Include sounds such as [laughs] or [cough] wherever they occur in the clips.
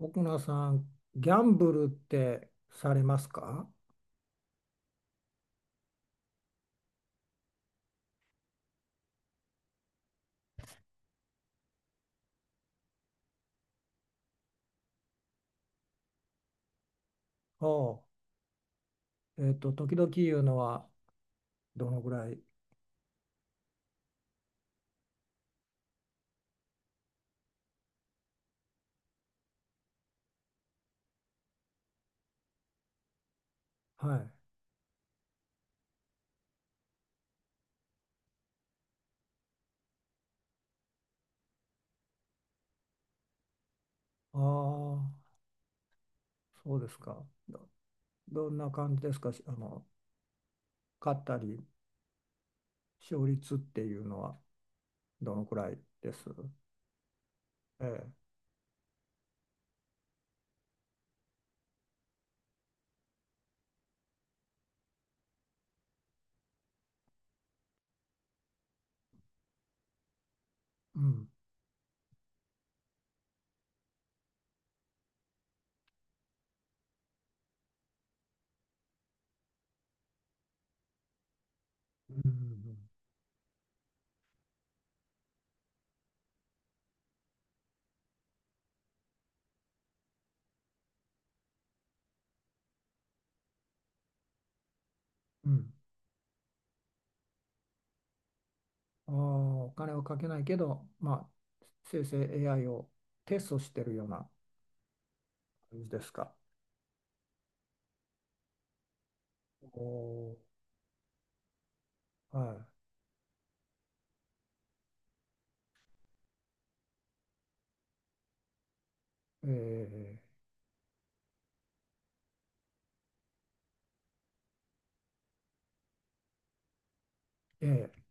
奥名さん、ギャンブルってされますか？おう、時々言うのはどのぐらい？はい。ああ、そうですか。ど、どんな感じですかし、勝ったり、勝率っていうのはどのくらいです？ええ。うん。うん。うん。うん。ああ、お金をかけないけど、まあ、生成 AI をテストしてるような感じですか。おおー、はい。ええええ。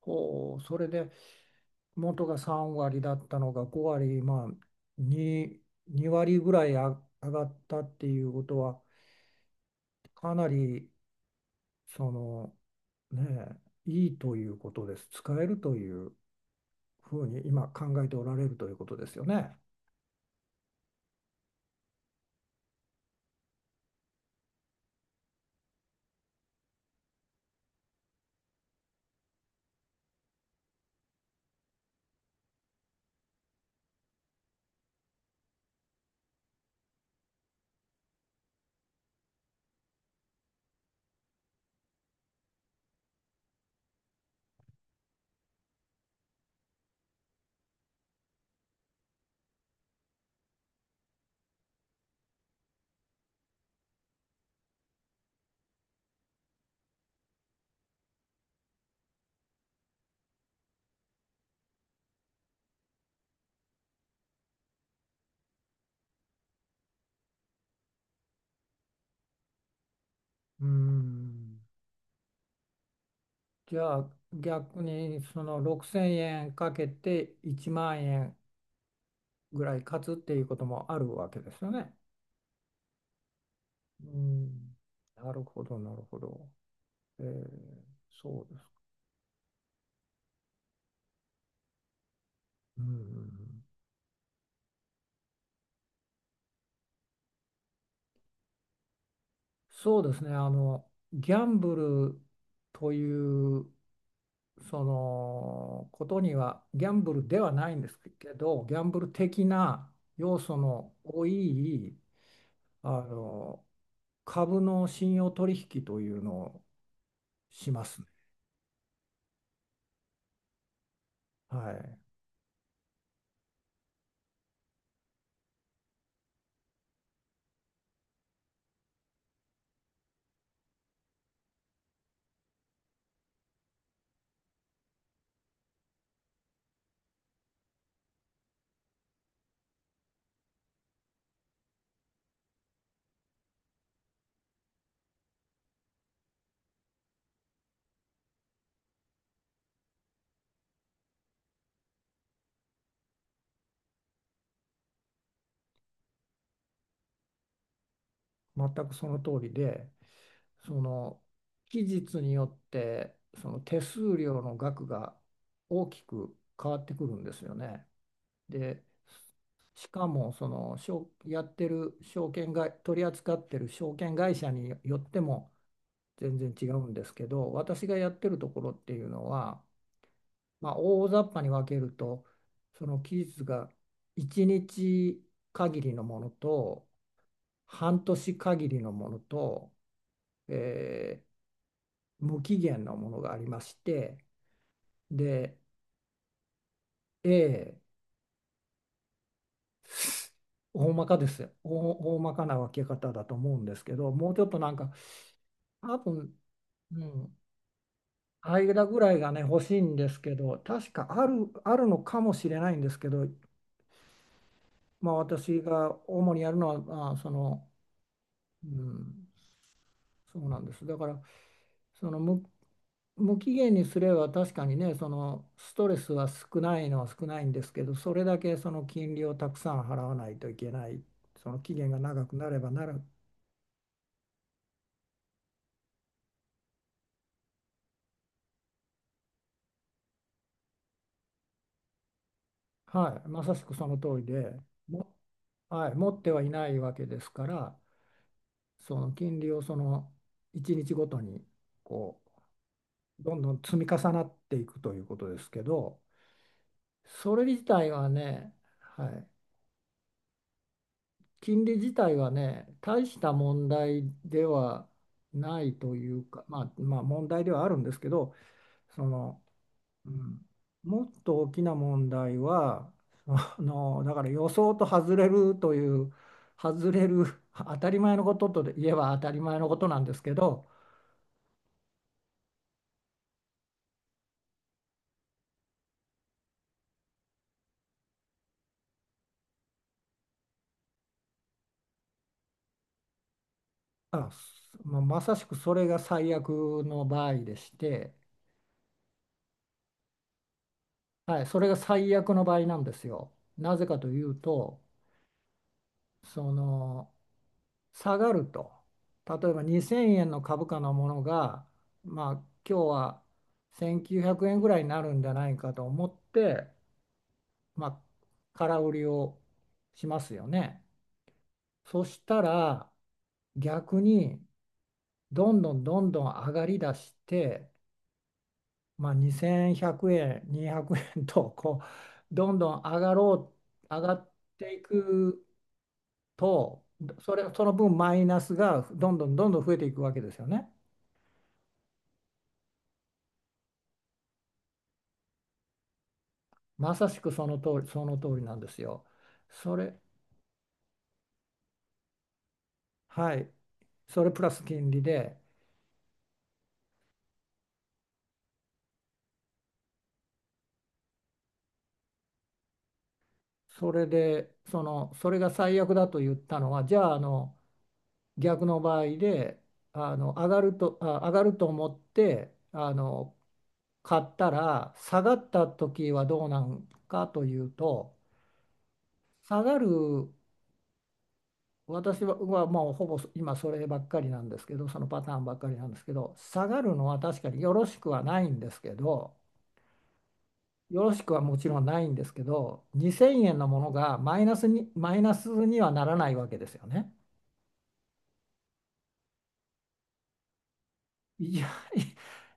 ほう、それで元が3割だったのが5割、まあ2、2割ぐらい上がったっていうことは、かなりその、ねえ、いいということです。使えるというふうに今考えておられるということですよね。うーん。じゃあ逆にその6000円かけて1万円ぐらい勝つっていうこともあるわけですよね。うん。なるほど、なるほど。えーそうです。うん。そうですね。ギャンブルという、そのことには、ギャンブルではないんですけど、ギャンブル的な要素の多い、あの、株の信用取引というのをしますね。はい。全くその通りで、その、期日によって、その手数料の額が大きく変わってくるんですよね。で、しかもその証やってる証券会、取り扱ってる証券会社によっても全然違うんですけど、私がやってるところっていうのは、まあ、大雑把に分けると、その期日が1日限りのものと、半年限りのものと、えー無期限のものがありまして、で、A、大まかです。大まかな分け方だと思うんですけど、もうちょっとなんか、多分、うん、間ぐらいがね、欲しいんですけど、確かあるのかもしれないんですけど、まあ、私が主にやるのは、まあ、その、うん、そうなんです。だから、その無、無期限にすれば確かにね、そのストレスは少ないのは少ないんですけど、それだけその金利をたくさん払わないといけない、その期限が長くなればなる、はい、まさしくその通りで、も、はい、持ってはいないわけですから。その金利をその1日ごとに、こうどんどん積み重なっていくということですけど、それ自体はね、はい、金利自体はね、大した問題ではないというか、まあ、まあ問題ではあるんですけど、その、うん、もっと大きな問題は、そのだから予想と外れるという、外れる、当たり前のことと言えば当たり前のことなんですけど。あ、すまあまさしくそれが最悪の場合でして、はい、それが最悪の場合なんですよ。なぜかというと、その下がると、例えば2000円の株価のものが、まあ、今日は1900円ぐらいになるんじゃないかと思って、まあ、空売りをしますよね。そしたら逆にどんどんどんどん上がりだして、まあ、2100円、200円と、こうどんどん上がっていくと、その分マイナスがどんどんどんどん増えていくわけですよね。まさしくその通り、その通りなんですよ。それ、はい、それプラス金利で、それで、その、それが最悪だと言ったのは、じゃあ、逆の場合で、上がると、上がると思って、買ったら下がった時はどうなんかというと、下がる。私はもうほぼ今そればっかりなんですけど、そのパターンばっかりなんですけど、下がるのは確かによろしくはないんですけど、よろしくはもちろんないんですけど、2000円のものがマイナスに、マイナスにはならないわけですよね。いや、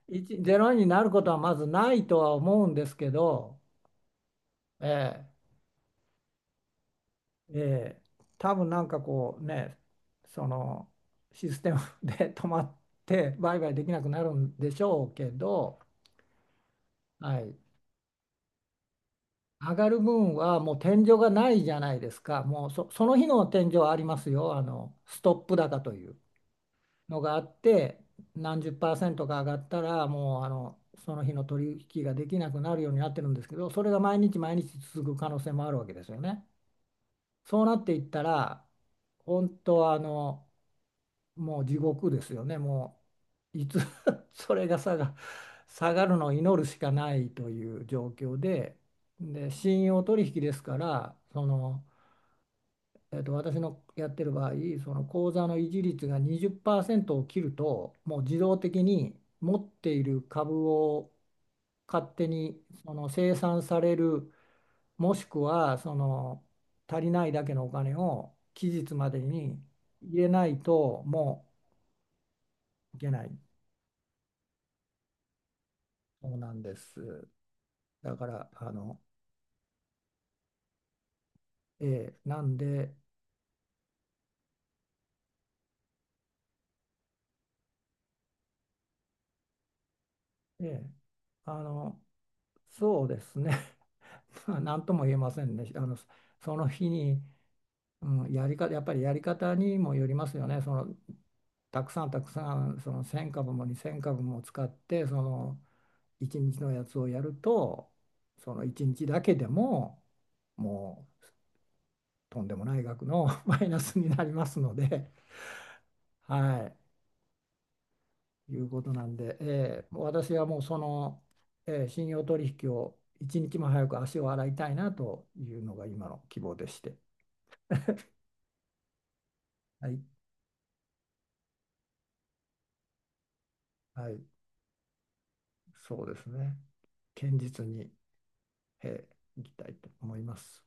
ゼロになることはまずないとは思うんですけど、ええええ、多分なんかこうね、そのシステムで [laughs] 止まって売買できなくなるんでしょうけど、はい、上がる分はもう天井がないじゃないですか、もうそ、その日の天井はありますよ、あのストップ高というのがあって、何十パーセントか上がったら、もうあのその日の取引ができなくなるようになってるんですけど、それが毎日毎日続く可能性もあるわけですよね。そうなっていったら、本当はもう地獄ですよね。もういつ [laughs] それが下がるのを祈るしかないという状況で、で信用取引ですから、その、私のやってる場合、その口座の維持率が20%を切るともう自動的に持っている株を勝手にその清算される、もしくはその足りないだけのお金を期日までに入れないともういけない。そうなんです。だから、あの、ええ、なんで、ええ、あの、そうですね、[laughs] まあなんとも言えませんね。あの、その日に、うん、やっぱりやり方にもよりますよね。その、たくさんたくさん、その1000株も2000株も使って、その、1日のやつをやると、その1日だけでも、もう、とんでもない額の [laughs] マイナスになりますので、はい。いうことなんで、私はもうその、信用取引を一日も早く足を洗いたいなというのが今の希望でして、はい、はい、そうですね、堅実に、えいきたいと思います。